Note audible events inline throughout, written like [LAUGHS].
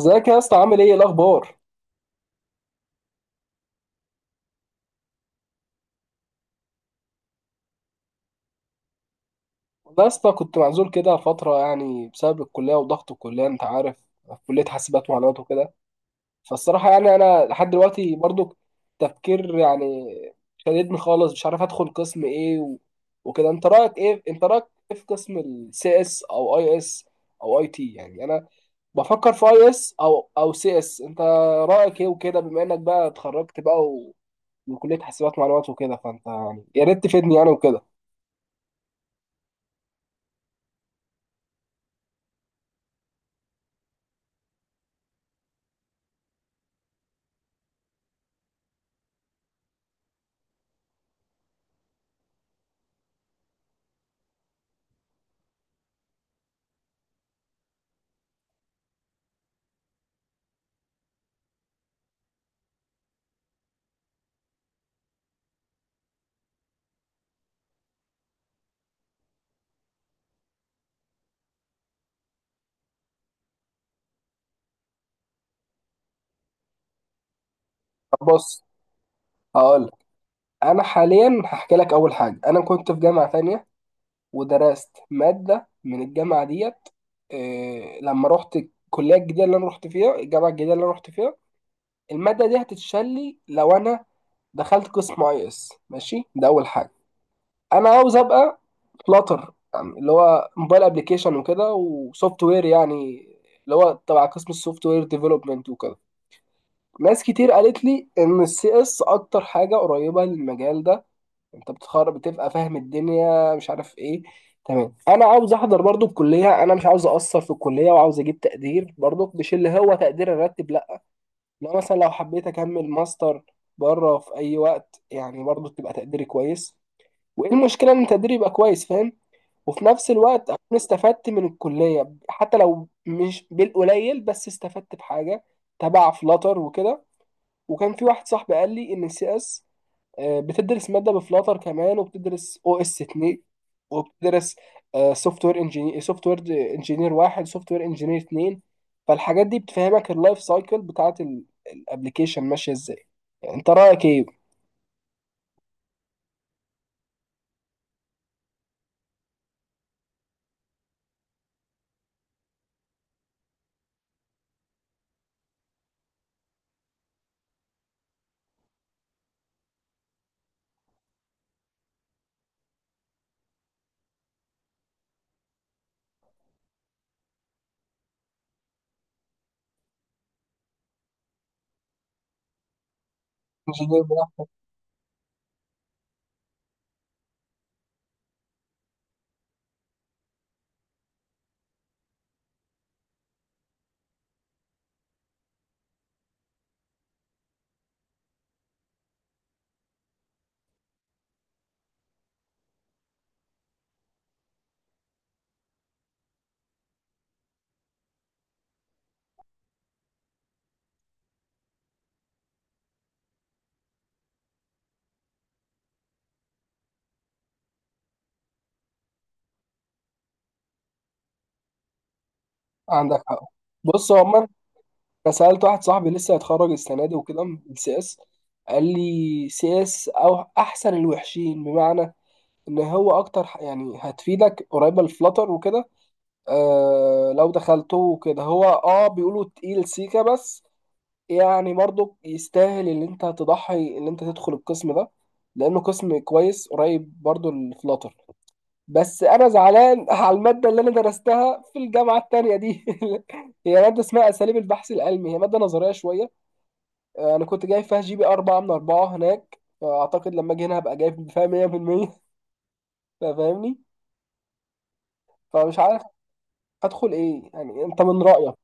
ازيك يا اسطى، عامل ايه؟ إيه الاخبار؟ والله يا اسطى كنت معزول كده فتره، يعني بسبب الكليه وضغط الكليه، انت عارف. في كليه حاسبات ومعلومات وكده. فالصراحه يعني انا لحد دلوقتي برضو تفكير، يعني شددني خالص، مش عارف ادخل قسم ايه وكده. انت رايك ايه في قسم السي اس او اي اس او اي تي؟ يعني انا بفكر في اي اس او سي اس، انت رايك ايه وكده، بما انك بقى اتخرجت بقى من كليه حاسبات ومعلومات وكده، فانت يعني يا ريت تفيدني يعني وكده. طب بص، هقول لك. انا حاليا هحكي لك. اول حاجه، انا كنت في جامعه تانية ودرست ماده من الجامعه ديت. إيه، لما رحت الكليه الجديده اللي انا رحت فيها، الجامعه الجديده اللي انا رحت فيها، الماده دي هتتشال لي لو انا دخلت قسم اي اس. ماشي، ده اول حاجه. انا عاوز ابقى فلاتر، يعني اللي هو موبايل ابلكيشن وكده، وسوفت وير يعني اللي هو تبع قسم السوفت وير ديفلوبمنت وكده. ناس كتير قالت لي ان السي اس اكتر حاجه قريبه للمجال ده. انت بتتخرج، بتبقى فاهم الدنيا مش عارف ايه، تمام. انا عاوز احضر برضو الكليه، انا مش عاوز اقصر في الكليه، وعاوز اجيب تقدير برضو، مش اللي هو تقدير الراتب، لا. لا مثلا، لو حبيت اكمل ماستر بره في اي وقت، يعني برضو تبقى تقديري كويس. وايه المشكله ان تقديري يبقى كويس، فاهم. وفي نفس الوقت اكون استفدت من الكليه، حتى لو مش بالقليل بس استفدت بحاجه تبع فلاتر وكده. وكان في واحد صاحبي قال لي ان السي اس بتدرس ماده بفلاتر كمان، وبتدرس او اس 2، وبتدرس سوفت وير انجينير، سوفت وير انجينير واحد، سوفت وير انجينير اتنين. فالحاجات دي بتفهمك اللايف سايكل بتاعت الابلكيشن ماشيه ازاي. يعني انت رايك ايه؟ انجينير ده. عندك حق. بص، هو عموما، انا سالت واحد صاحبي لسه هيتخرج السنه دي وكده من السي اس، قال لي سي اس او احسن الوحشين، بمعنى ان هو اكتر يعني هتفيدك قريبه للفلاتر وكده. لو دخلته كده، هو بيقولوا تقيل سيكا، بس يعني برضو يستاهل اللي انت تضحي، اللي انت تدخل القسم ده، لانه قسم كويس قريب برضو الفلاتر. بس انا زعلان [LAUGHS] على الماده اللي انا درستها في الجامعه التانية دي. [LAUGHS] هي ماده اسمها اساليب البحث العلمي، هي ماده نظريه شويه. انا كنت جايب فيها جي بي 4 من 4 هناك، فاعتقد لما اجي هنا هبقى جايب فيها 100%. [LAUGHS] فاهمني. فمش عارف ادخل ايه يعني، انت من رايك؟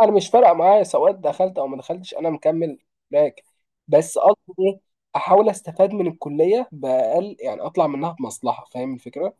انا مش فارقه معايا سواء دخلت او ما دخلتش، انا مكمل باك. بس قصدي ايه، احاول استفاد من الكليه باقل، يعني اطلع منها بمصلحه، فاهم الفكره؟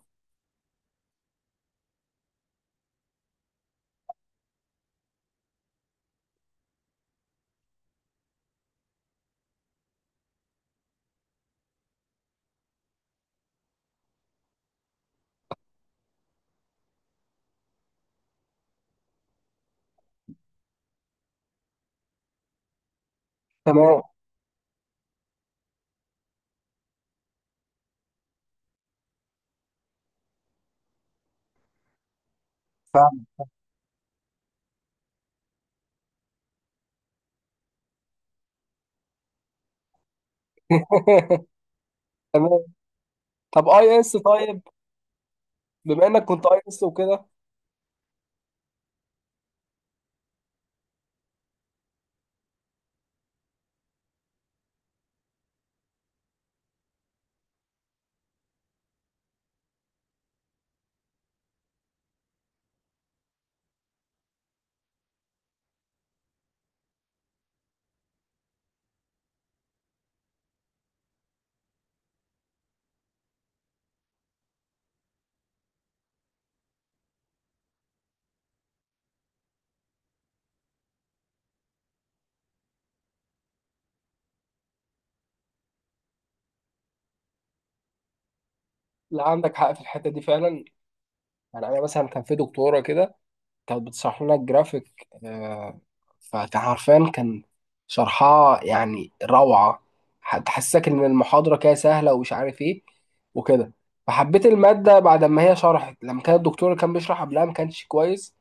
تمام. فاهم. [LAUGHS] تمام. طب اي اس طيب؟ بما انك كنت اي اس وكده. لا، عندك حق في الحته دي فعلا. يعني انا مثلا كان في دكتوره كده، كانت بتشرح لنا الجرافيك، فكان حرفيا شرحها يعني روعة، تحسسك إن المحاضرة كده سهلة ومش عارف إيه وكده. فحبيت المادة بعد ما هي شرحت. لما كان الدكتور اللي كان بيشرح قبلها ما كانش كويس،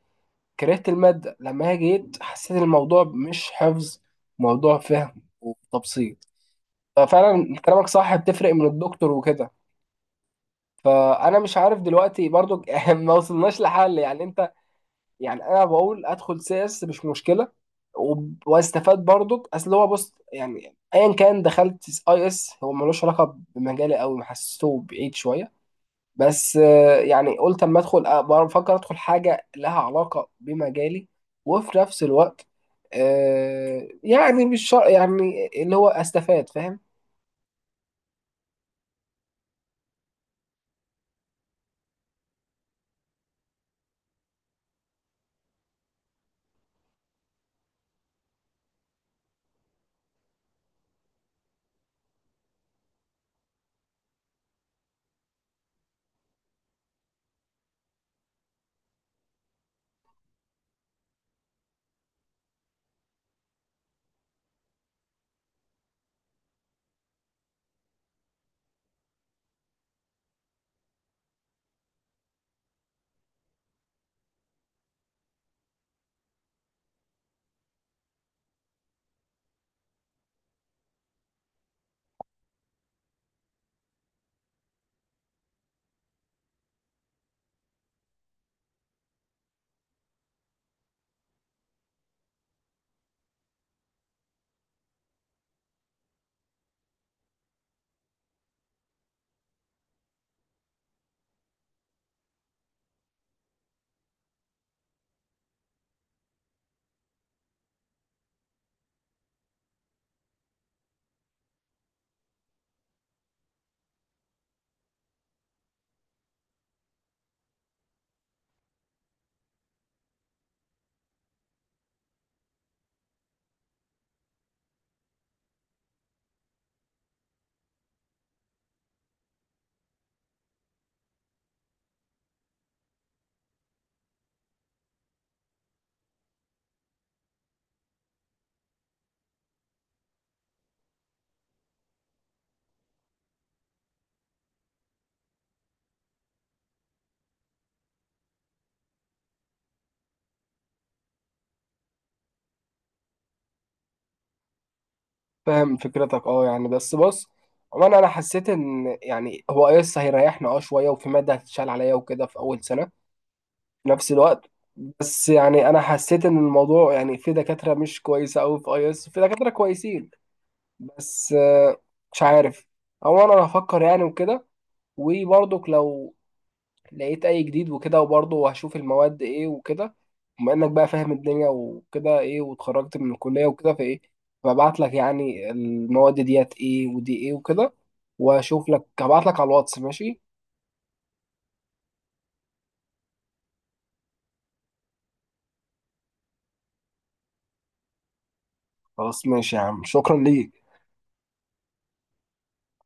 كرهت المادة. لما هي جيت حسيت الموضوع مش حفظ، موضوع فهم وتبسيط. ففعلا كلامك صح، بتفرق من الدكتور وكده. فأنا مش عارف دلوقتي برضو. [LAUGHS] ما وصلناش لحل يعني أنت. يعني انا بقول ادخل سيس، مش مشكله. واستفاد برضك، اصل هو بص، يعني ايا كان دخلت اي اس هو ملوش علاقه بمجالي قوي، محسسه بعيد شويه. بس يعني قلت اما ادخل، بفكر ادخل حاجه لها علاقه بمجالي، وفي نفس الوقت يعني مش شرط يعني اللي هو استفاد، فاهم. فاهم فكرتك، يعني، بس بص. وانا حسيت ان يعني هو اي اس هيريحنا شويه، وفي ماده هتتشال عليا وكده في اول سنه. في نفس الوقت، بس يعني انا حسيت ان الموضوع يعني في دكاتره مش كويسه قوي في اي اس، في دكاتره كويسين، بس مش عارف، او انا هفكر يعني وكده. وبرضك لو لقيت اي جديد وكده، وبرضه هشوف المواد ايه وكده. بما انك بقى فاهم الدنيا وكده، ايه، واتخرجت من الكليه وكده، فايه، ببعت لك يعني المواد ديت ايه ودي ايه وكده، واشوف لك. هبعت لك على الواتس، ماشي؟ خلاص ماشي يا عم، شكرا ليك.